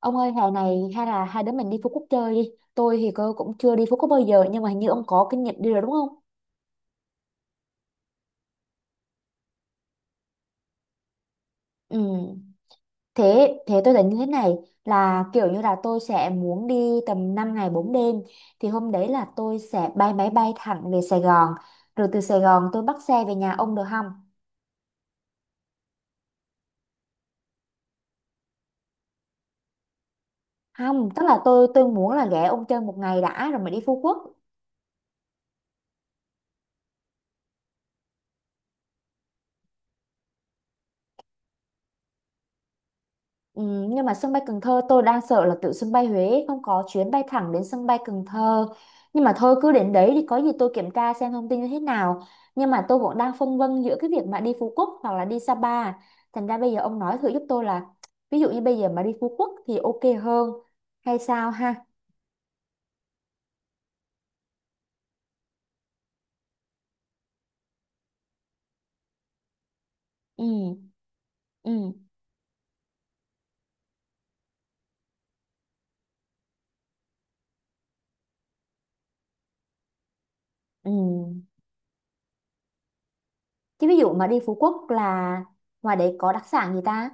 Ông ơi, hè này hay là hai đứa mình đi Phú Quốc chơi đi. Tôi thì cô cũng chưa đi Phú Quốc bao giờ, nhưng mà hình như ông có kinh nghiệm đi rồi đúng không? Ừ. Thế thế tôi tính như thế này, là kiểu như là tôi sẽ muốn đi tầm 5 ngày 4 đêm, thì hôm đấy là tôi sẽ bay máy bay thẳng về Sài Gòn, rồi từ Sài Gòn tôi bắt xe về nhà ông được không? Không, tức là tôi muốn là ghé ông chơi một ngày đã rồi mới đi Phú Quốc. Ừ, nhưng mà sân bay Cần Thơ tôi đang sợ là từ sân bay Huế không có chuyến bay thẳng đến sân bay Cần Thơ. Nhưng mà thôi, cứ đến đấy thì có gì tôi kiểm tra xem thông tin như thế nào. Nhưng mà tôi cũng đang phân vân giữa cái việc mà đi Phú Quốc hoặc là đi Sapa, thành ra bây giờ ông nói thử giúp tôi là ví dụ như bây giờ mà đi Phú Quốc thì ok hơn hay sao ha. Ừ. Ừ. Ừ. Chứ ví dụ mà đi Phú Quốc là ngoài đấy có đặc sản gì ta?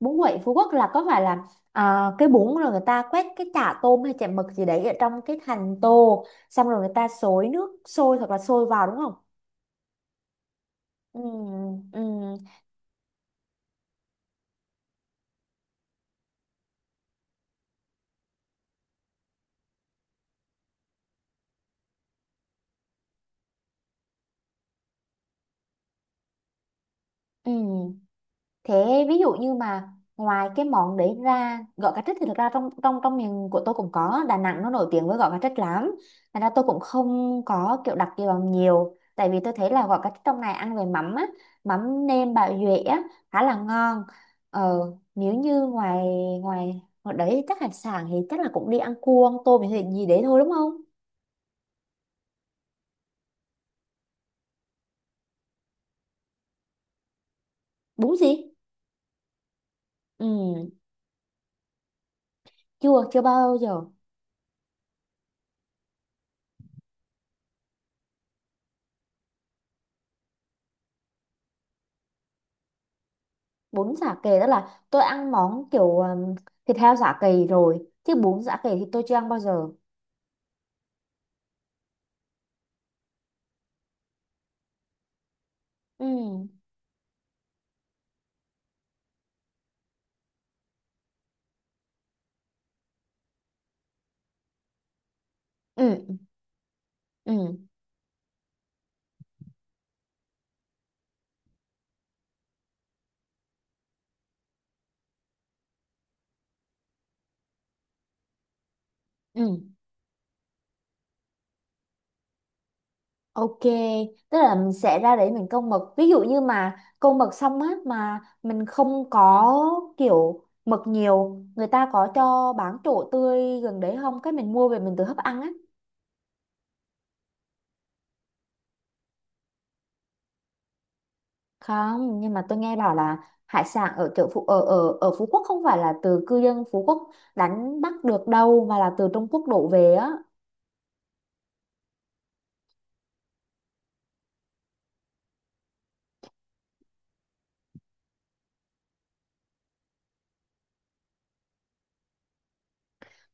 Bún quậy Phú Quốc là có phải là à, cái bún rồi người ta quét cái chả tôm hay chả mực gì đấy ở trong cái thành tô, xong rồi người ta xối nước sôi hoặc là sôi vào đúng không? Ừ. Ừ. Ừ. Thế ví dụ như mà ngoài cái món đấy ra, gỏi cá trích thì thực ra trong trong trong miền của tôi cũng có, Đà Nẵng nó nổi tiếng với gỏi cá trích lắm, thành ra tôi cũng không có kiểu đặc kỳ vào nhiều tại vì tôi thấy là gỏi cá trích trong này ăn về mắm á, mắm nêm bào duệ á, khá là ngon. ờ, Nếu như ngoài ngoài ngoài đấy chắc hải sản thì chắc là cũng đi ăn cua ăn tôm thì gì đấy thôi đúng không? Đúng gì. Ừ. Chưa, chưa bao giờ. Bún chả cầy tức là tôi ăn món kiểu thịt heo chả cầy rồi, chứ bún chả cầy thì tôi chưa ăn bao giờ. Ừ. Ừ. Ừ. Ừ. Ok. Tức là mình sẽ ra để mình câu mực, ví dụ như mà câu mực xong á, mà mình không có kiểu mực nhiều, người ta có cho bán chỗ tươi gần đấy không, cái mình mua về mình tự hấp ăn á. Không, nhưng mà tôi nghe bảo là hải sản ở chợ Phú ở ở ở Phú Quốc không phải là từ cư dân Phú Quốc đánh bắt được đâu, mà là từ Trung Quốc đổ về á.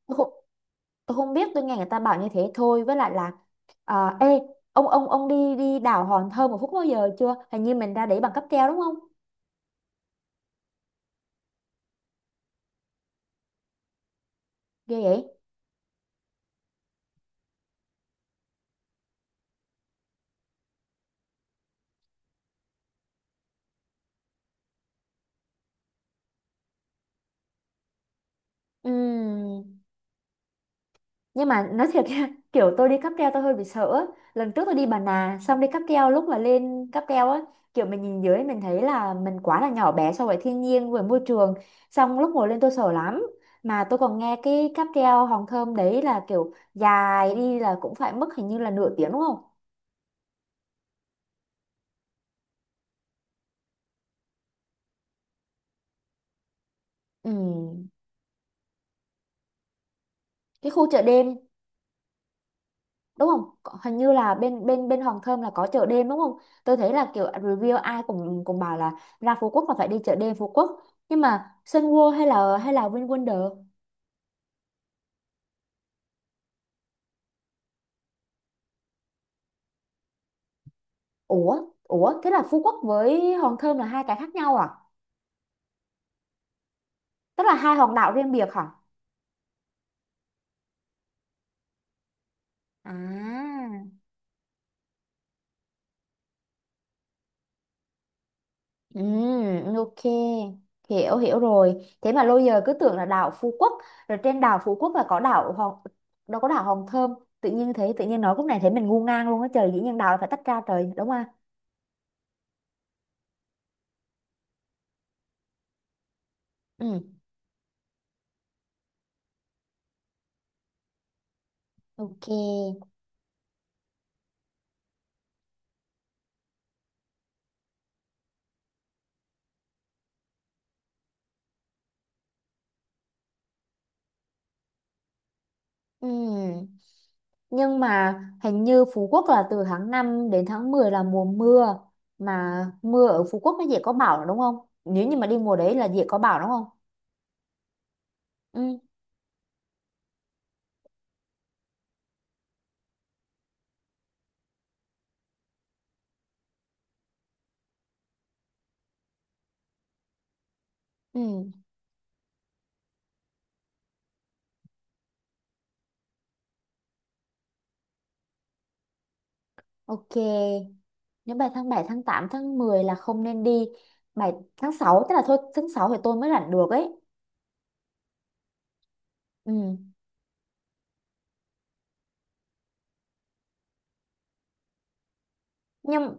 Tôi không, tôi không biết, tôi nghe người ta bảo như thế thôi. Với lại là, à, ê, ông đi đi đảo Hòn Thơm một phút bao giờ chưa? Hình như mình ra để bằng cáp treo đúng không? Ghê vậy. Ừm, nhưng mà nói thiệt nha, kiểu tôi đi cáp treo tôi hơi bị sợ á. Lần trước tôi đi Bà Nà xong đi cáp treo, lúc mà lên cáp treo á, kiểu mình nhìn dưới mình thấy là mình quá là nhỏ bé so với thiên nhiên, với môi trường, xong lúc ngồi lên tôi sợ lắm. Mà tôi còn nghe cái cáp treo Hòn Thơm đấy là kiểu dài, đi là cũng phải mất hình như là nửa tiếng đúng không? Ừ. Cái khu chợ đêm đúng không? Hình như là bên bên bên Hoàng Thơm là có chợ đêm đúng không? Tôi thấy là kiểu review ai cũng cũng bảo là ra Phú Quốc là phải đi chợ đêm Phú Quốc. Nhưng mà Sun World hay là VinWonder? Ủa, ủa thế là Phú Quốc với Hoàng Thơm là hai cái khác nhau à? Tức là hai hòn đảo riêng biệt hả? À. Ừ, ok. Hiểu, hiểu rồi. Thế mà lâu giờ cứ tưởng là đảo Phú Quốc, rồi trên đảo Phú Quốc là có đảo Hòn, đâu có đảo Hòn Thơm. Tự nhiên thế, tự nhiên nói cũng này thấy mình ngu ngang luôn á trời, dĩ nhiên đảo là phải tách ra trời, đúng không ạ? Ừ. Ok. Ừ. Nhưng mà hình như Phú Quốc là từ tháng 5 đến tháng 10 là mùa mưa, mà mưa ở Phú Quốc nó dễ có bão đúng không? Nếu như mà đi mùa đấy là dễ có bão đúng không? Ừ. Ừ. Ok. Nếu bài tháng 7 tháng 8 tháng 10 là không nên đi. Bài tháng 6, tức là thôi tháng 6 thì tôi mới rảnh được ấy. Ừ. Nhưng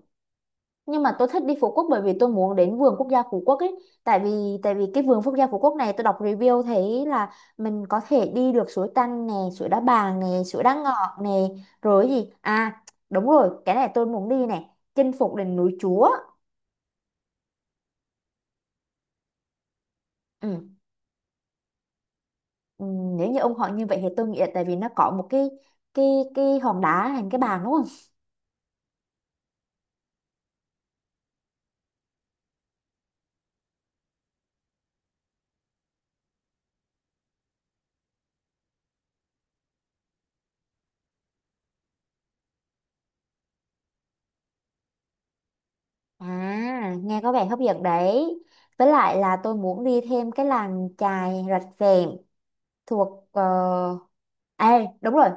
nhưng mà tôi thích đi Phú Quốc bởi vì tôi muốn đến vườn quốc gia Phú Quốc ấy. Tại vì cái vườn quốc gia Phú Quốc này tôi đọc review thấy là mình có thể đi được suối Tanh nè, suối Đá Bàng nè, suối Đá Ngọt nè, rồi cái gì? À, đúng rồi, cái này tôi muốn đi này, chinh phục đỉnh núi Chúa. Ừ. Ừ, nếu như ông họ như vậy thì tôi nghĩ là tại vì nó có một cái cái hòn đá hình cái bàn đúng không? À, nghe có vẻ hấp dẫn đấy. Với lại là tôi muốn đi thêm cái làng chài Rạch Vẹm thuộc à, đúng rồi,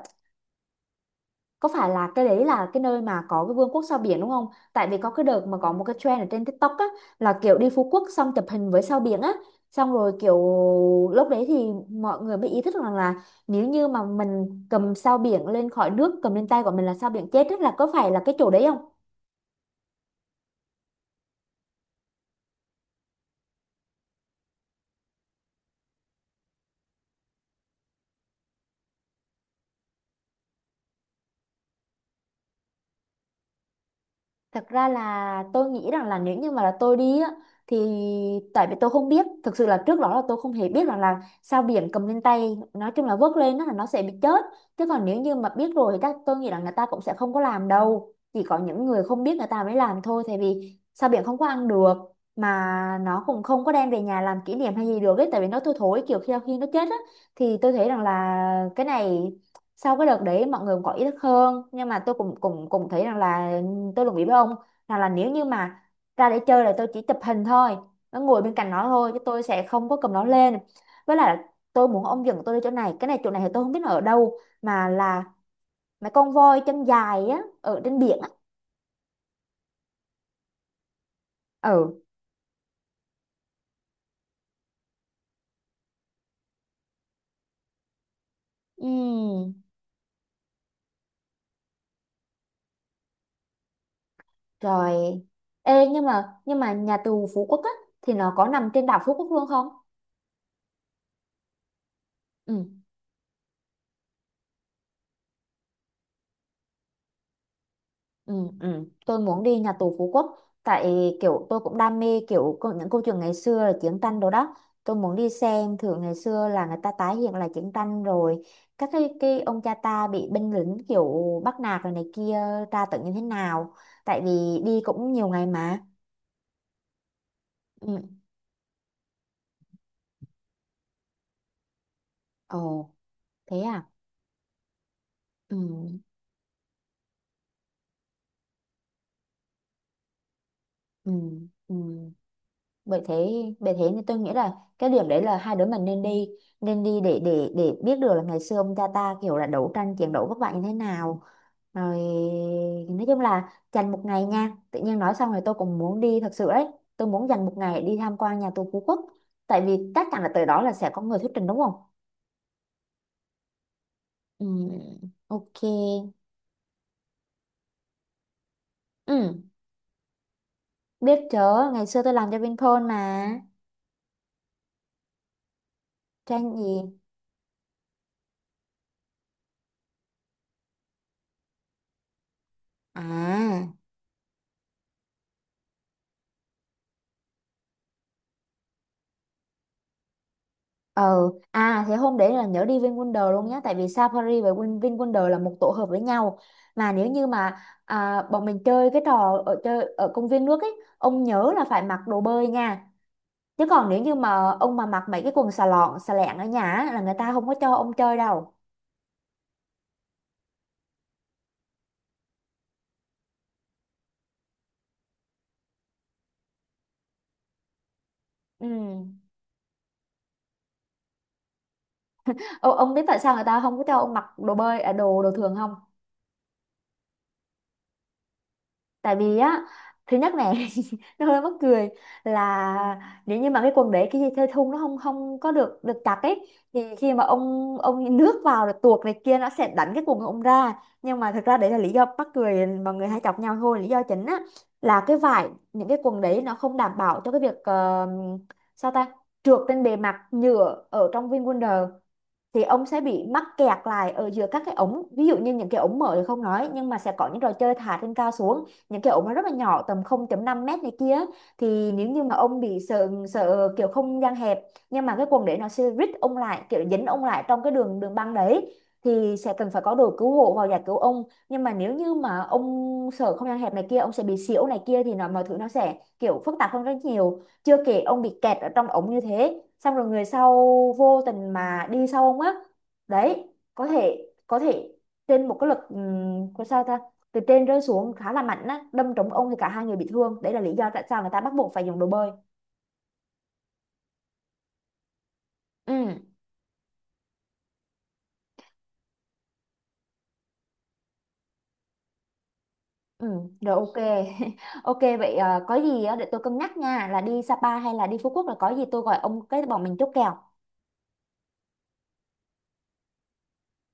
có phải là cái đấy là cái nơi mà có cái vương quốc sao biển đúng không? Tại vì có cái đợt mà có một cái trend ở trên TikTok á, là kiểu đi Phú Quốc xong chụp hình với sao biển á, xong rồi kiểu lúc đấy thì mọi người mới ý thức rằng là nếu như mà mình cầm sao biển lên khỏi nước, cầm lên tay của mình là sao biển chết á, là có phải là cái chỗ đấy không? Thật ra là tôi nghĩ rằng là nếu như mà là tôi đi á, thì tại vì tôi không biết, thực sự là trước đó là tôi không hề biết rằng là sao biển cầm lên tay, nói chung là vớt lên đó là nó sẽ bị chết. Chứ còn nếu như mà biết rồi thì chắc tôi nghĩ là người ta cũng sẽ không có làm đâu, chỉ có những người không biết người ta mới làm thôi, tại vì sao biển không có ăn được, mà nó cũng không có đem về nhà làm kỷ niệm hay gì được ấy, tại vì nó thui thối kiểu khi khi nó chết á. Thì tôi thấy rằng là cái này sau cái đợt đấy mọi người cũng có ý thức hơn, nhưng mà tôi cũng cũng cũng thấy rằng là tôi đồng ý với ông, rằng là nếu như mà ra để chơi là tôi chỉ chụp hình thôi, nó ngồi bên cạnh nó thôi chứ tôi sẽ không có cầm nó lên. Với lại là tôi muốn ông dẫn tôi đi chỗ này, cái này chỗ này thì tôi không biết nó ở đâu, mà là mấy con voi chân dài á ở trên biển á. Ừ. Ừm, rồi. Ê, nhưng mà nhà tù Phú Quốc á thì nó có nằm trên đảo Phú Quốc luôn không? Ừ. Ừ. Ừ. Tôi muốn đi nhà tù Phú Quốc tại kiểu tôi cũng đam mê kiểu những câu chuyện ngày xưa là chiến tranh đồ đó, tôi muốn đi xem thử ngày xưa là người ta tái hiện lại chiến tranh, rồi các cái ông cha ta bị binh lính kiểu bắt nạt rồi này kia, tra tấn như thế nào. Tại vì đi cũng nhiều ngày mà. Ừ. Ồ, thế à? Ừ. Ừ. Ừ. bởi thế bởi thế nên tôi nghĩ là cái điểm đấy là hai đứa mình nên đi, nên đi để biết được là ngày xưa ông cha ta kiểu là đấu tranh chiến đấu các bạn như thế nào. Rồi nói chung là dành một ngày nha, tự nhiên nói xong rồi tôi cũng muốn đi thật sự đấy, tôi muốn dành một ngày để đi tham quan nhà tù Phú Quốc. Tại vì chắc chắn là tới đó là sẽ có người thuyết trình đúng không? Ừ, ok. Ừ, biết chớ, ngày xưa tôi làm cho Vinpearl mà. Tranh gì. À. Ờ, à thế hôm đấy là nhớ đi VinWonder luôn nhé. Tại vì Safari và VinWonder là một tổ hợp với nhau. Mà nếu như mà à, bọn mình chơi cái trò ở chơi ở công viên nước ấy, ông nhớ là phải mặc đồ bơi nha. Chứ còn nếu như mà ông mà mặc mấy cái quần xà lọn, xà lẹn ở nhà á, là người ta không có cho ông chơi đâu. Ừ. Ô, ông biết tại sao người ta không có cho ông mặc đồ bơi, à, đồ đồ thường không? Tại vì á, thứ nhất này nó hơi mắc cười, là nếu như mà cái quần đấy cái dây thơi thun nó không không có được được chặt ấy, thì khi mà ông nước vào rồi tuột này kia, nó sẽ đánh cái quần của ông ra. Nhưng mà thực ra đấy là lý do mắc cười mọi người hay chọc nhau thôi, lý do chính á là cái vải những cái quần đấy nó không đảm bảo cho cái việc sao ta, trượt trên bề mặt nhựa ở trong VinWonder, thì ông sẽ bị mắc kẹt lại ở giữa các cái ống. Ví dụ như những cái ống mở thì không nói, nhưng mà sẽ có những trò chơi thả trên cao xuống, những cái ống nó rất là nhỏ tầm 0,5 mét này kia, thì nếu như mà ông bị sợ sợ kiểu không gian hẹp, nhưng mà cái quần để nó sẽ rít ông lại kiểu dính ông lại trong cái đường đường băng đấy, thì sẽ cần phải có đội cứu hộ vào giải cứu ông. Nhưng mà nếu như mà ông sợ không gian hẹp này kia, ông sẽ bị xỉu này kia, thì nó mọi thứ nó sẽ kiểu phức tạp hơn rất nhiều, chưa kể ông bị kẹt ở trong ống như thế xong rồi người sau vô tình mà đi sau ông á, đấy có thể trên một cái lực, có sao ta, từ trên rơi xuống khá là mạnh á đâm trúng ông thì cả hai người bị thương. Đấy là lý do tại sao người ta bắt buộc phải dùng đồ bơi. Ừ. Ừ. Rồi, ok. Ok vậy, có gì á, để tôi cân nhắc nha là đi Sapa hay là đi Phú Quốc, là có gì tôi gọi ông cái bọn mình chốt kèo.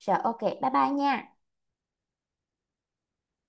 Rồi ok, bye bye nha.